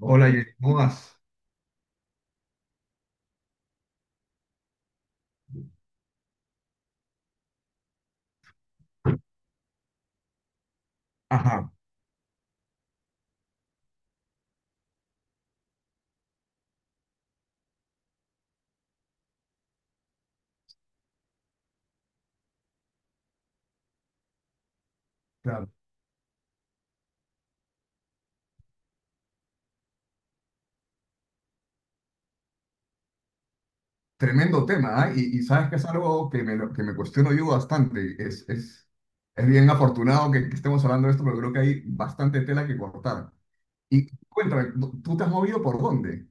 Hola, Hola, ajá, claro. Tremendo tema, ¿ah? Y sabes que es algo que me cuestiono yo bastante. Es bien afortunado que estemos hablando de esto, pero creo que hay bastante tela que cortar. Y cuéntame, ¿tú te has movido por dónde?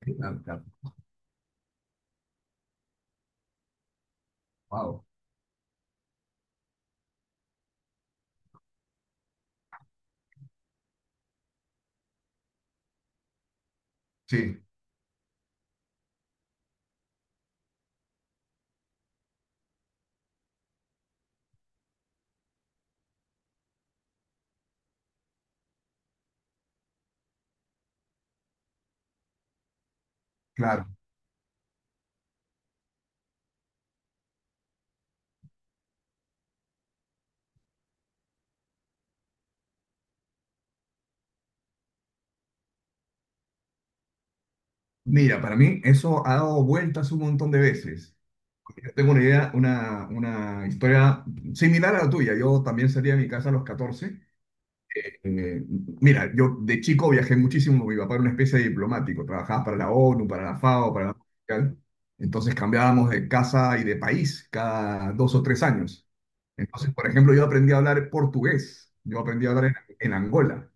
Claro, claro. Wow. Sí, claro. Mira, para mí eso ha dado vueltas un montón de veces. Yo tengo una idea, una historia similar a la tuya. Yo también salí de mi casa a los 14. Eh, mira, yo de chico viajé muchísimo. Mi papá era una especie de diplomático, trabajaba para la ONU, para la FAO, para la Mundial. Entonces cambiábamos de casa y de país cada dos o tres años. Entonces, por ejemplo, yo aprendí a hablar portugués, yo aprendí a hablar en Angola.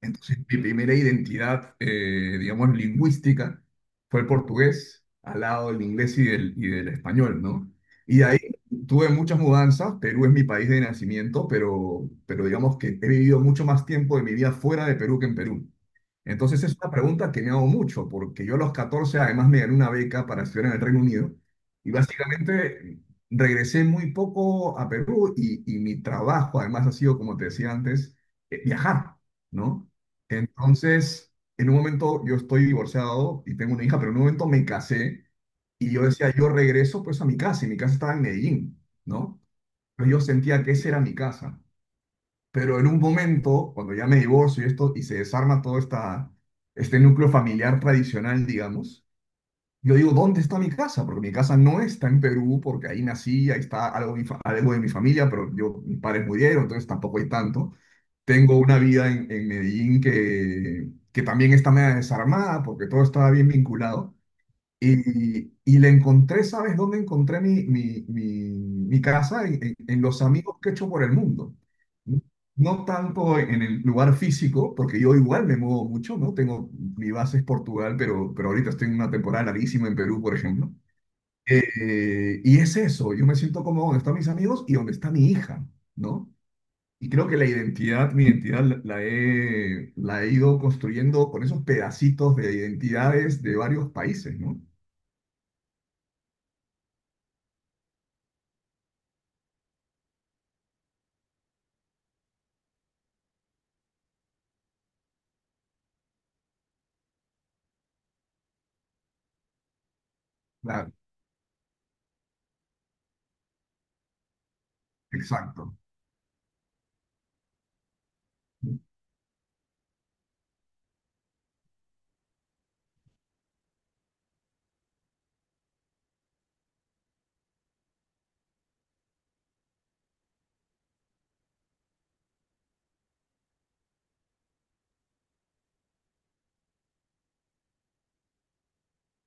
Entonces, mi primera identidad, digamos, lingüística fue el portugués, al lado del inglés y del español, ¿no? Y de ahí tuve muchas mudanzas. Perú es mi país de nacimiento, pero digamos que he vivido mucho más tiempo de mi vida fuera de Perú que en Perú. Entonces, es una pregunta que me hago mucho, porque yo a los 14 además me gané una beca para estudiar en el Reino Unido y básicamente regresé muy poco a Perú, y mi trabajo además ha sido, como te decía antes, viajar, ¿no? Entonces, en un momento yo estoy divorciado y tengo una hija, pero en un momento me casé y yo decía, yo regreso pues a mi casa y mi casa estaba en Medellín, ¿no? Pero yo sentía que esa era mi casa. Pero en un momento, cuando ya me divorcio y esto y se desarma todo esta, este núcleo familiar tradicional, digamos, yo digo, ¿dónde está mi casa? Porque mi casa no está en Perú, porque ahí nací, ahí está algo, algo de mi familia, pero yo, mis padres murieron, entonces tampoco hay tanto. Tengo una vida en Medellín que también está media desarmada porque todo estaba bien vinculado. Y le encontré, ¿sabes dónde encontré mi casa? En los amigos que he hecho por el mundo. No tanto en el lugar físico, porque yo igual me muevo mucho, ¿no? Tengo, mi base es Portugal, pero ahorita estoy en una temporada larguísima en Perú, por ejemplo. Y es eso, yo me siento como donde están mis amigos y donde está mi hija, ¿no? Y creo que la identidad, mi identidad la la he ido construyendo con esos pedacitos de identidades de varios países, ¿no? Claro. Exacto. Mm,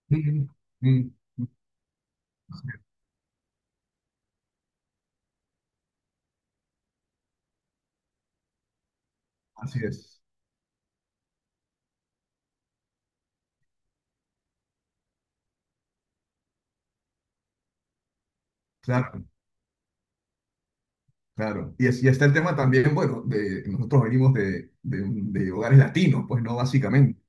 mm, mm. Así es. Claro, claro. Y está el tema también, bueno, de nosotros venimos de, de hogares latinos, pues, ¿no? Básicamente.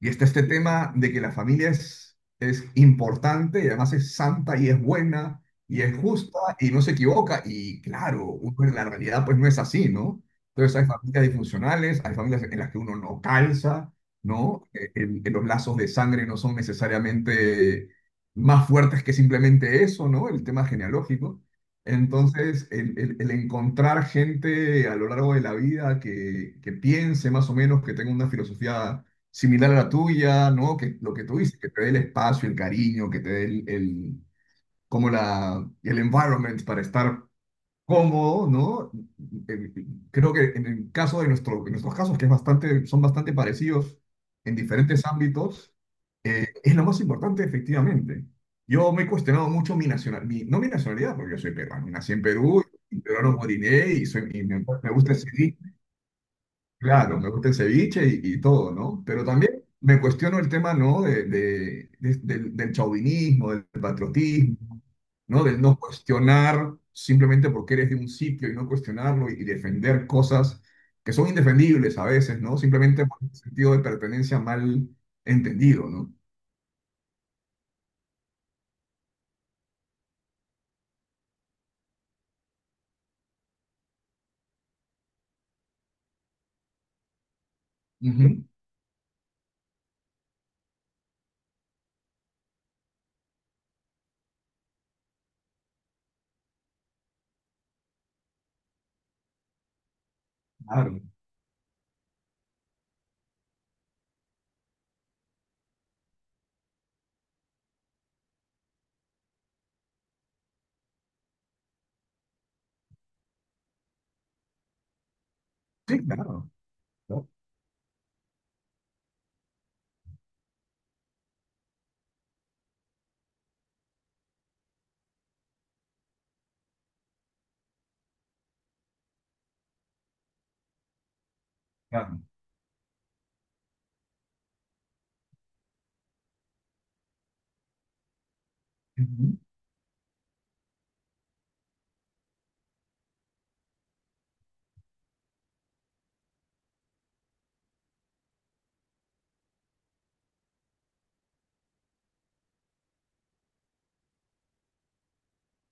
Y está este tema de que la familia es importante y además es santa y es buena y es justa y no se equivoca. Y claro, uno en la realidad pues no es así, ¿no? Entonces hay familias disfuncionales, hay familias en las que uno no calza, ¿no? Que los lazos de sangre no son necesariamente más fuertes que simplemente eso, ¿no? El tema genealógico. Entonces, el encontrar gente a lo largo de la vida que piense más o menos, que tenga una filosofía similar a la tuya, ¿no? Que lo que tú dices, que te dé el espacio, el cariño, que te dé como el environment para estar cómodo, ¿no? Eh, creo que en el caso de nuestro, en nuestros casos, que es bastante, son bastante parecidos en diferentes ámbitos, es lo más importante, efectivamente. Yo me he cuestionado mucho mi nacionalidad, mi, no mi nacionalidad, porque yo soy peruano, nací en Perú, y peruano moriré y, soy, y me gusta ese. Claro, me gusta el ceviche y todo, ¿no? Pero también me cuestiono el tema, ¿no? Del chauvinismo, del patriotismo, ¿no? Del no cuestionar simplemente porque eres de un sitio y no cuestionarlo y defender cosas que son indefendibles a veces, ¿no? Simplemente por un sentido de pertenencia mal entendido, ¿no? Ujú. Claro. Sí, claro. ¿No? Claro. Ujú.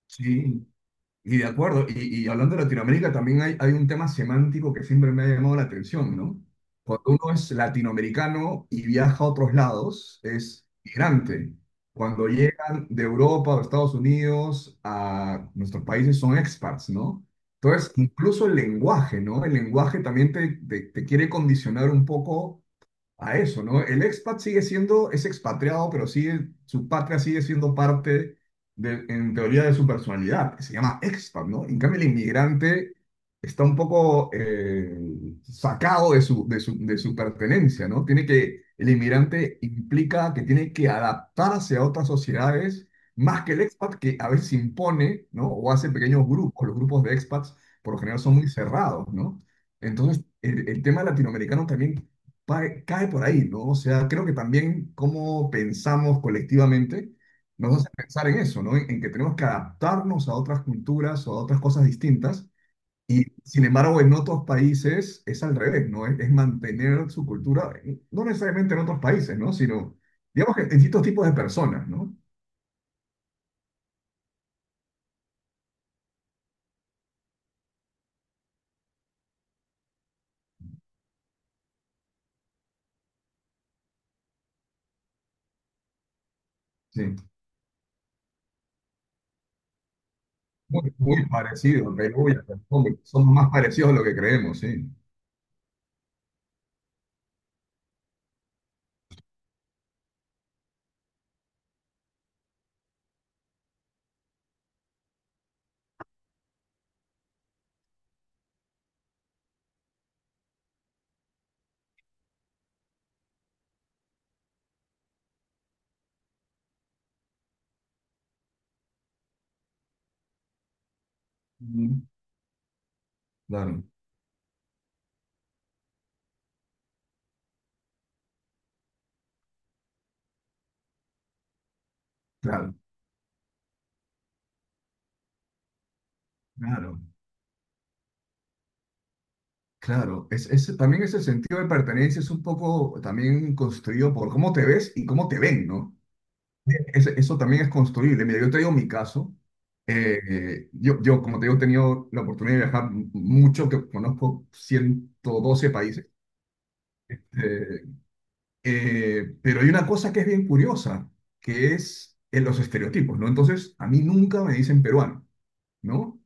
Sí. Y de acuerdo, y hablando de Latinoamérica, también hay un tema semántico que siempre me ha llamado la atención, ¿no? Cuando uno es latinoamericano y viaja a otros lados, es migrante. Cuando llegan de Europa o Estados Unidos a nuestros países son expats, ¿no? Entonces, incluso el lenguaje, ¿no? El lenguaje también te quiere condicionar un poco a eso, ¿no? El expat sigue siendo, es expatriado, pero sigue, su patria sigue siendo parte, de, en teoría, de su personalidad, que se llama expat, ¿no? En cambio, el inmigrante está un poco sacado de su, de su, de su pertenencia, ¿no? El inmigrante implica que tiene que adaptarse a otras sociedades, más que el expat, que a veces impone, ¿no? O hace pequeños grupos. Los grupos de expats por lo general son muy cerrados, ¿no? Entonces, el tema latinoamericano también cae por ahí, ¿no? O sea, creo que también cómo pensamos colectivamente nos hace pensar en eso, ¿no? En que tenemos que adaptarnos a otras culturas o a otras cosas distintas. Y sin embargo, en otros países es al revés, ¿no? Es mantener su cultura, no necesariamente en otros países, ¿no? Sino, digamos que en distintos tipos de personas, ¿no? Sí. Muy, muy parecido, Perú y Argentina, somos más parecidos a lo que creemos, sí. Mm. Claro, claro, claro. Claro, también ese sentido de pertenencia es un poco también construido por cómo te ves y cómo te ven, ¿no? Es- eso también es construible. Mira, yo te digo mi caso. Yo, como te digo, he tenido la oportunidad de viajar mucho, que conozco 112 países. Eh, pero hay una cosa que es bien curiosa, que es en los estereotipos, ¿no? Entonces, a mí nunca me dicen peruano. ¿No?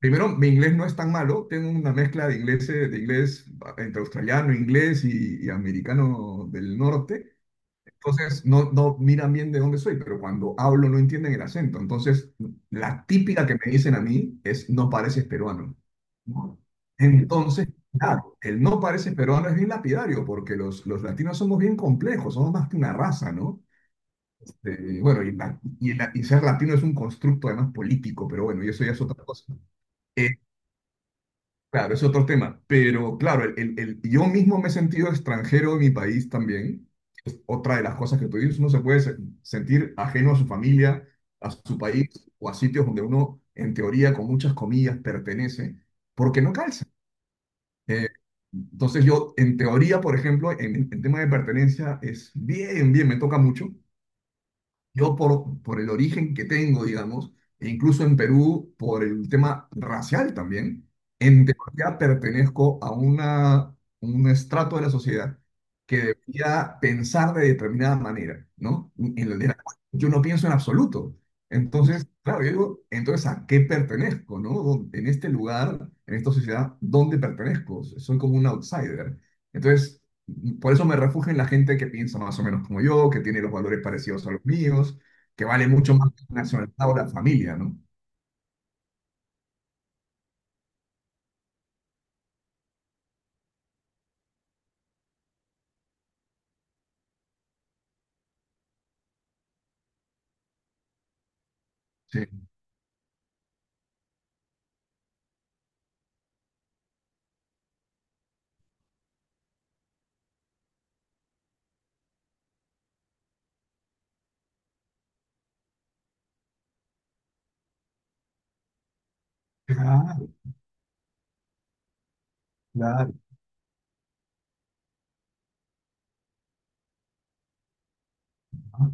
Primero, mi inglés no es tan malo, tengo una mezcla de inglés, entre australiano, inglés y americano del norte. Entonces, no, no miran bien de dónde soy, pero cuando hablo no entienden el acento. Entonces, la típica que me dicen a mí es, no pareces peruano, ¿no? Entonces, claro, el no pareces peruano es bien lapidario, porque los latinos somos bien complejos, somos más que una raza, ¿no? Bueno, y ser latino es un constructo además político, pero bueno, y eso ya es otra cosa. Eh, Claro, es otro tema, pero claro, yo mismo me he sentido extranjero en mi país también. Es otra de las cosas que tú dices, uno se puede sentir ajeno a su familia, a su país o a sitios donde uno, en teoría, con muchas comillas, pertenece, porque no calza. Eh, entonces yo, en teoría, por ejemplo, en tema de pertenencia, es bien, bien, me toca mucho. Yo por el origen que tengo, digamos, e incluso en Perú, por el tema racial también, en teoría pertenezco a una, un estrato de la sociedad que debería pensar de determinada manera, ¿no? En la de la cual yo no pienso en absoluto. Entonces, claro, yo digo, entonces, ¿a qué pertenezco, no? ¿En este lugar, en esta sociedad, dónde pertenezco? Soy como un outsider. Entonces, por eso me refugio en la gente que piensa más o menos como yo, que tiene los valores parecidos a los míos, que vale mucho más que la nacionalidad o la familia, ¿no? Sí. Claro, claro. ¿No?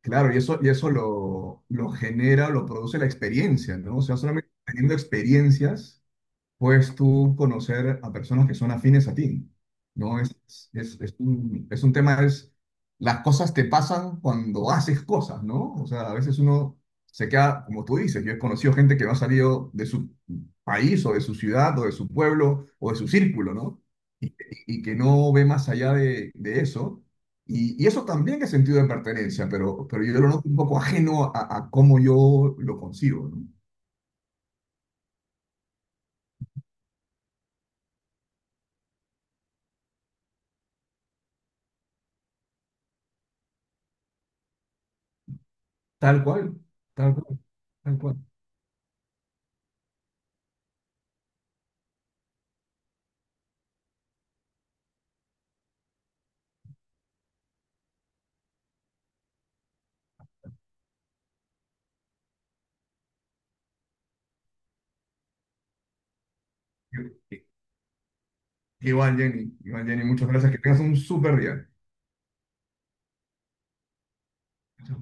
Claro, y eso lo genera, lo produce la experiencia, ¿no? O sea, solamente teniendo experiencias puedes tú conocer a personas que son afines a ti, ¿no? Es un tema, es, las cosas te pasan cuando haces cosas, ¿no? O sea, a veces uno se queda, como tú dices, yo he conocido gente que no ha salido de su país o de su ciudad o de su pueblo o de su círculo, ¿no? Y, y que no ve más allá de eso. Y eso también es sentido de pertenencia, pero yo lo noto un poco ajeno a cómo yo lo consigo, ¿no? Tal cual, tal cual, tal cual. Igual, Jenny. Igual, Jenny. Muchas gracias. Que tengas un súper día. Chao.